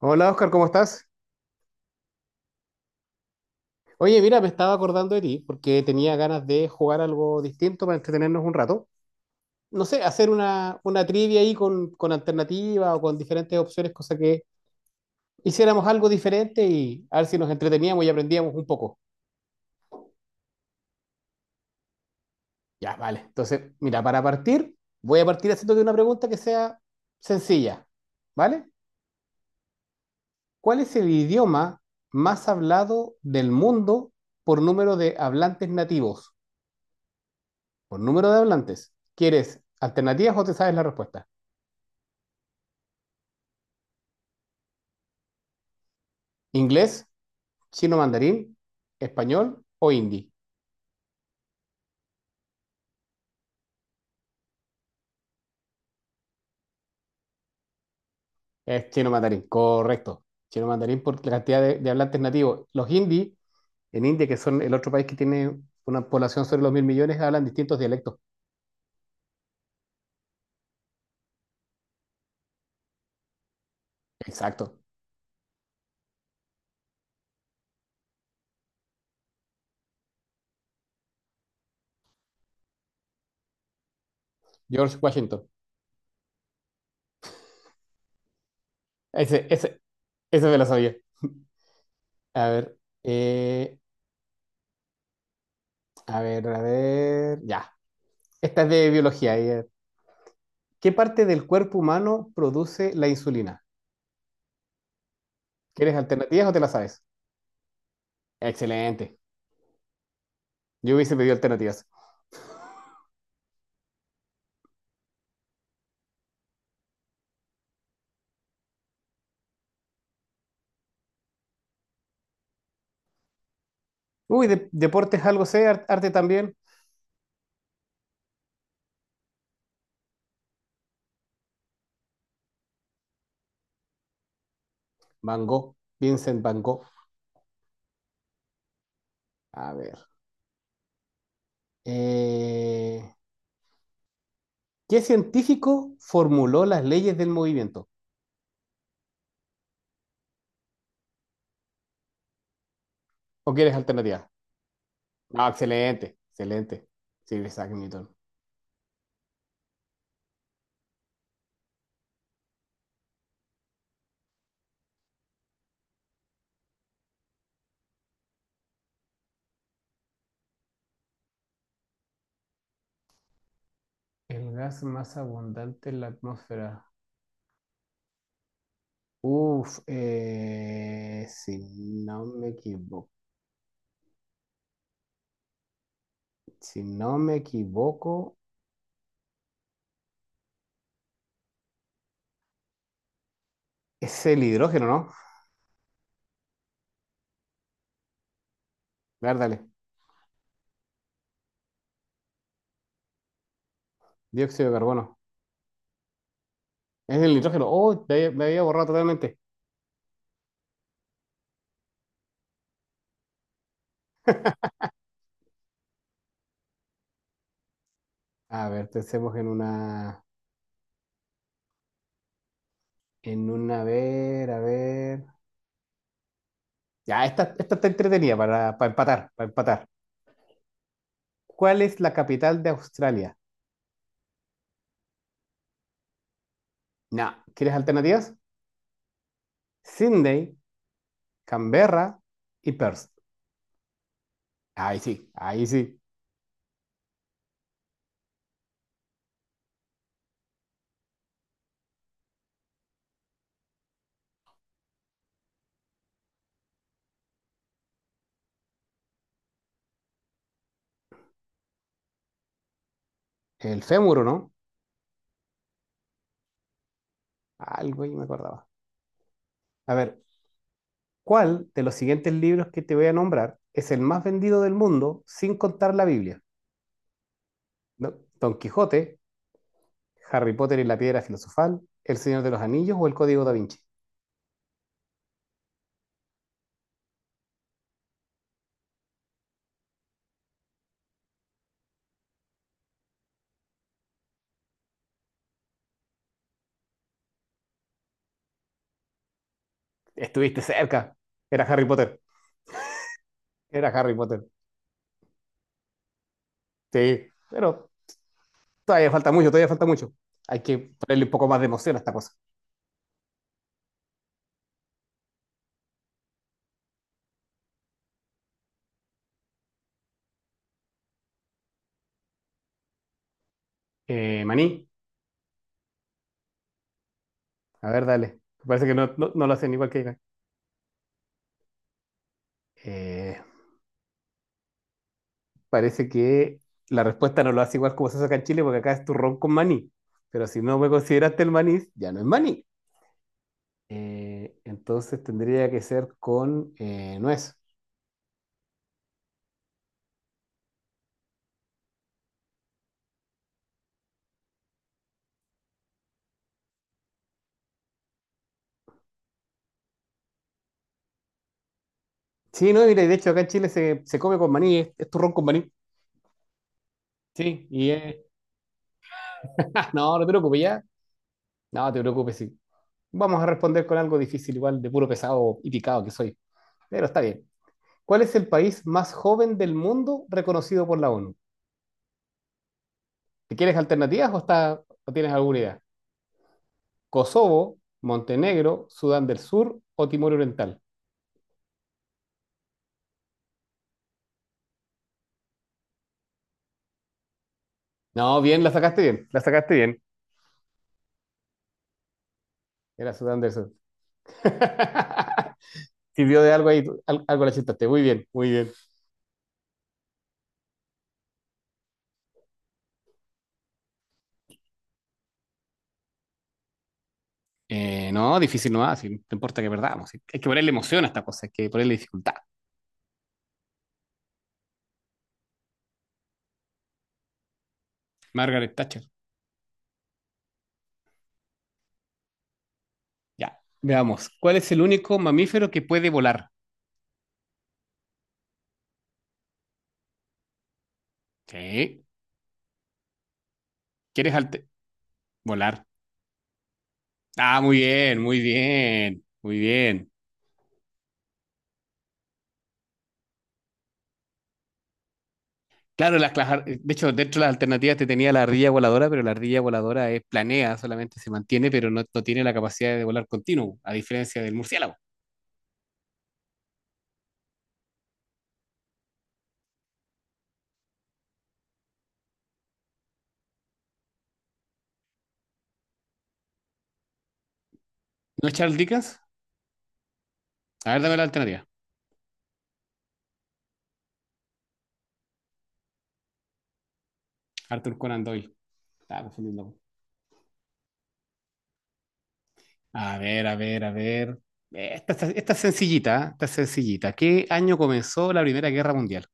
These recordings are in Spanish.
Hola Oscar, ¿cómo estás? Oye, mira, me estaba acordando de ti porque tenía ganas de jugar algo distinto para entretenernos un rato. No sé, hacer una trivia ahí con alternativa o con diferentes opciones, cosa que hiciéramos algo diferente y a ver si nos entreteníamos y aprendíamos un poco. Ya, vale. Entonces, mira, para partir, voy a partir haciéndote una pregunta que sea sencilla, ¿vale? ¿Cuál es el idioma más hablado del mundo por número de hablantes nativos? Por número de hablantes. ¿Quieres alternativas o te sabes la respuesta? ¿Inglés, chino mandarín, español o hindi? Es chino mandarín, correcto. Chino mandarín por la cantidad de hablantes nativos. Los hindi, en India, que son el otro país que tiene una población sobre los 1.000 millones, hablan distintos dialectos. Exacto. George Washington. Ese, ese, ese me lo sabía. A ver, a ver, a ver. Ya. Esta es de biología. ¿Qué parte del cuerpo humano produce la insulina? ¿Quieres alternativas o te las sabes? Excelente. Yo hubiese pedido alternativas. Uy, deportes algo sé, arte también. Van Gogh, Vincent Van Gogh. A ver. eh, ¿qué científico formuló las leyes del movimiento? ¿O quieres alternativas? Ah, excelente, excelente. Sí, Isaac Newton. El gas más abundante en la atmósfera. Uf, si no me equivoco, es el hidrógeno, ¿no? A ver, dale. Dióxido de carbono. Es el nitrógeno. Oh, me había borrado totalmente. A ver, pensemos en una. A ver, a ver. Ya, esta está entretenida para empatar, para empatar. ¿Cuál es la capital de Australia? No. ¿Quieres alternativas? Sydney, Canberra y Perth. Ahí sí, ahí sí. El fémur, ¿o no? Algo ahí me acordaba. A ver, ¿cuál de los siguientes libros que te voy a nombrar es el más vendido del mundo sin contar la Biblia? ¿No? Don Quijote. Harry Potter y la Piedra Filosofal, El Señor de los Anillos o El Código da Vinci. Estuviste cerca. Era Harry Potter. Era Harry Potter. Sí, pero todavía falta mucho, todavía falta mucho. Hay que ponerle un poco más de emoción a esta cosa. Maní, a ver, dale. Parece que no lo hacen igual que acá. Eh, parece que la respuesta no lo hace igual como se hace acá en Chile, porque acá es turrón con maní. Pero si no me consideraste el maní, ya no es maní. Entonces tendría que ser con nuez. Sí, no, mira, y de hecho acá en Chile se come con maní, es turrón con maní. Sí, y es. Ah, no, no te preocupes ya. No, no te preocupes, sí. Vamos a responder con algo difícil, igual de puro pesado y picado que soy. Pero está bien. ¿Cuál es el país más joven del mundo reconocido por la ONU? ¿Te quieres alternativas o tienes alguna idea? ¿Kosovo, Montenegro, Sudán del Sur o Timor Oriental? No, bien, la sacaste bien, la sacaste bien. Era Sudán del Sur. Sirvió de algo ahí, algo la chuntaste. Muy bien, muy bien. No, difícil no va, si no importa que perdamos. Hay que ponerle emoción a esta cosa, hay que ponerle dificultad. Margaret Thatcher. Ya. Veamos. ¿Cuál es el único mamífero que puede volar? Sí. ¿Quieres volar? Ah, muy bien, muy bien, muy bien. Claro, de hecho, dentro de las alternativas te tenía la ardilla voladora, pero la ardilla voladora es planea, solamente se mantiene, pero no tiene la capacidad de volar continuo, a diferencia del murciélago. ¿No es Charles Dickens? A ver, dame la alternativa. Arthur Conan Doyle. Estaba confundiendo. A ver, a ver, a ver. Esta es sencillita, ¿eh? Esta es sencillita. ¿Qué año comenzó la Primera Guerra Mundial?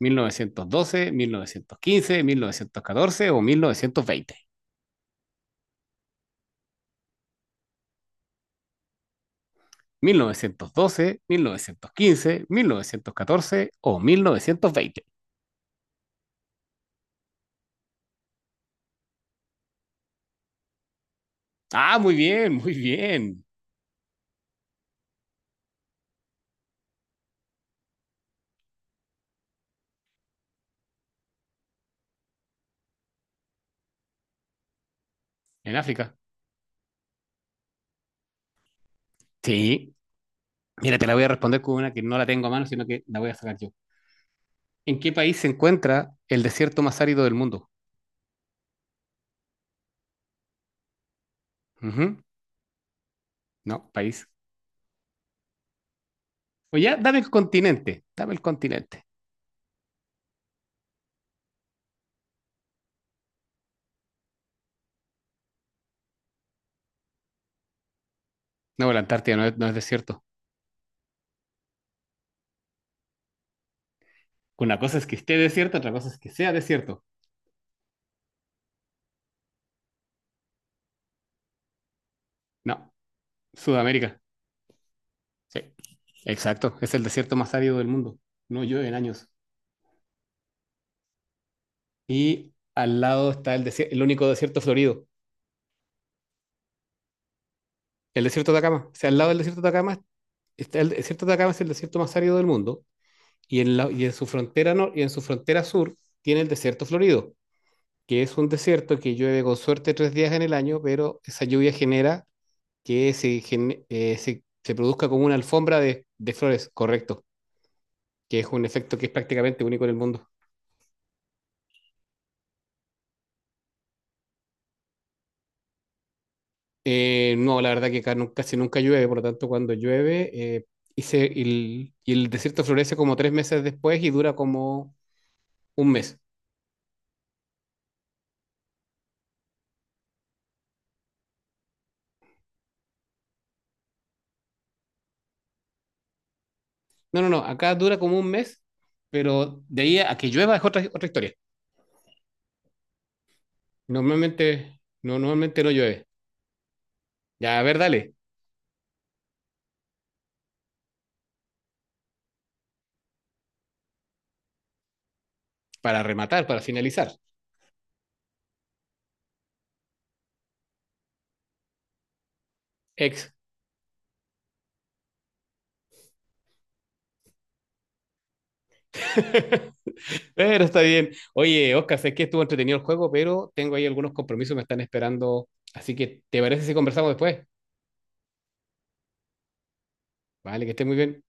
¿Mil novecientos doce, 1915, 1914 o mil novecientos veinte? Doce, quince, 1914 o 1920. Ah, muy bien, muy bien. En África. Sí. Mira, te la voy a responder con una que no la tengo a mano, sino que la voy a sacar yo. ¿En qué país se encuentra el desierto más árido del mundo? Ujú. No, país. O ya, dame el continente, dame el continente. No, la Antártida no es desierto. Una cosa es que esté desierto, otra cosa es que sea desierto. No, Sudamérica. Sí, exacto. Es el desierto más árido del mundo. No llueve en años. Y al lado está el único desierto florido, el desierto de Atacama. O sea, al lado del desierto de Atacama está el desierto de Atacama es el desierto más árido del mundo y en la- y en su frontera nor- y en su frontera sur tiene el desierto florido, que es un desierto que llueve con suerte 3 días en el año, pero esa lluvia genera que se produzca como una alfombra de flores, correcto, que es un efecto que es prácticamente único en el mundo. No, la verdad que acá nunca, casi nunca llueve, por lo tanto cuando llueve y el desierto florece como 3 meses después y dura como un mes. No, no, no, acá dura como un mes, pero de ahí a que llueva es otra historia. Normalmente no llueve. Ya, a ver, dale, para rematar, para finalizar. Ex. Pero está bien. Oye, Oscar, sé que estuvo entretenido el juego, pero tengo ahí algunos compromisos que me están esperando. Así que, ¿te parece si conversamos después? Vale, que estés muy bien.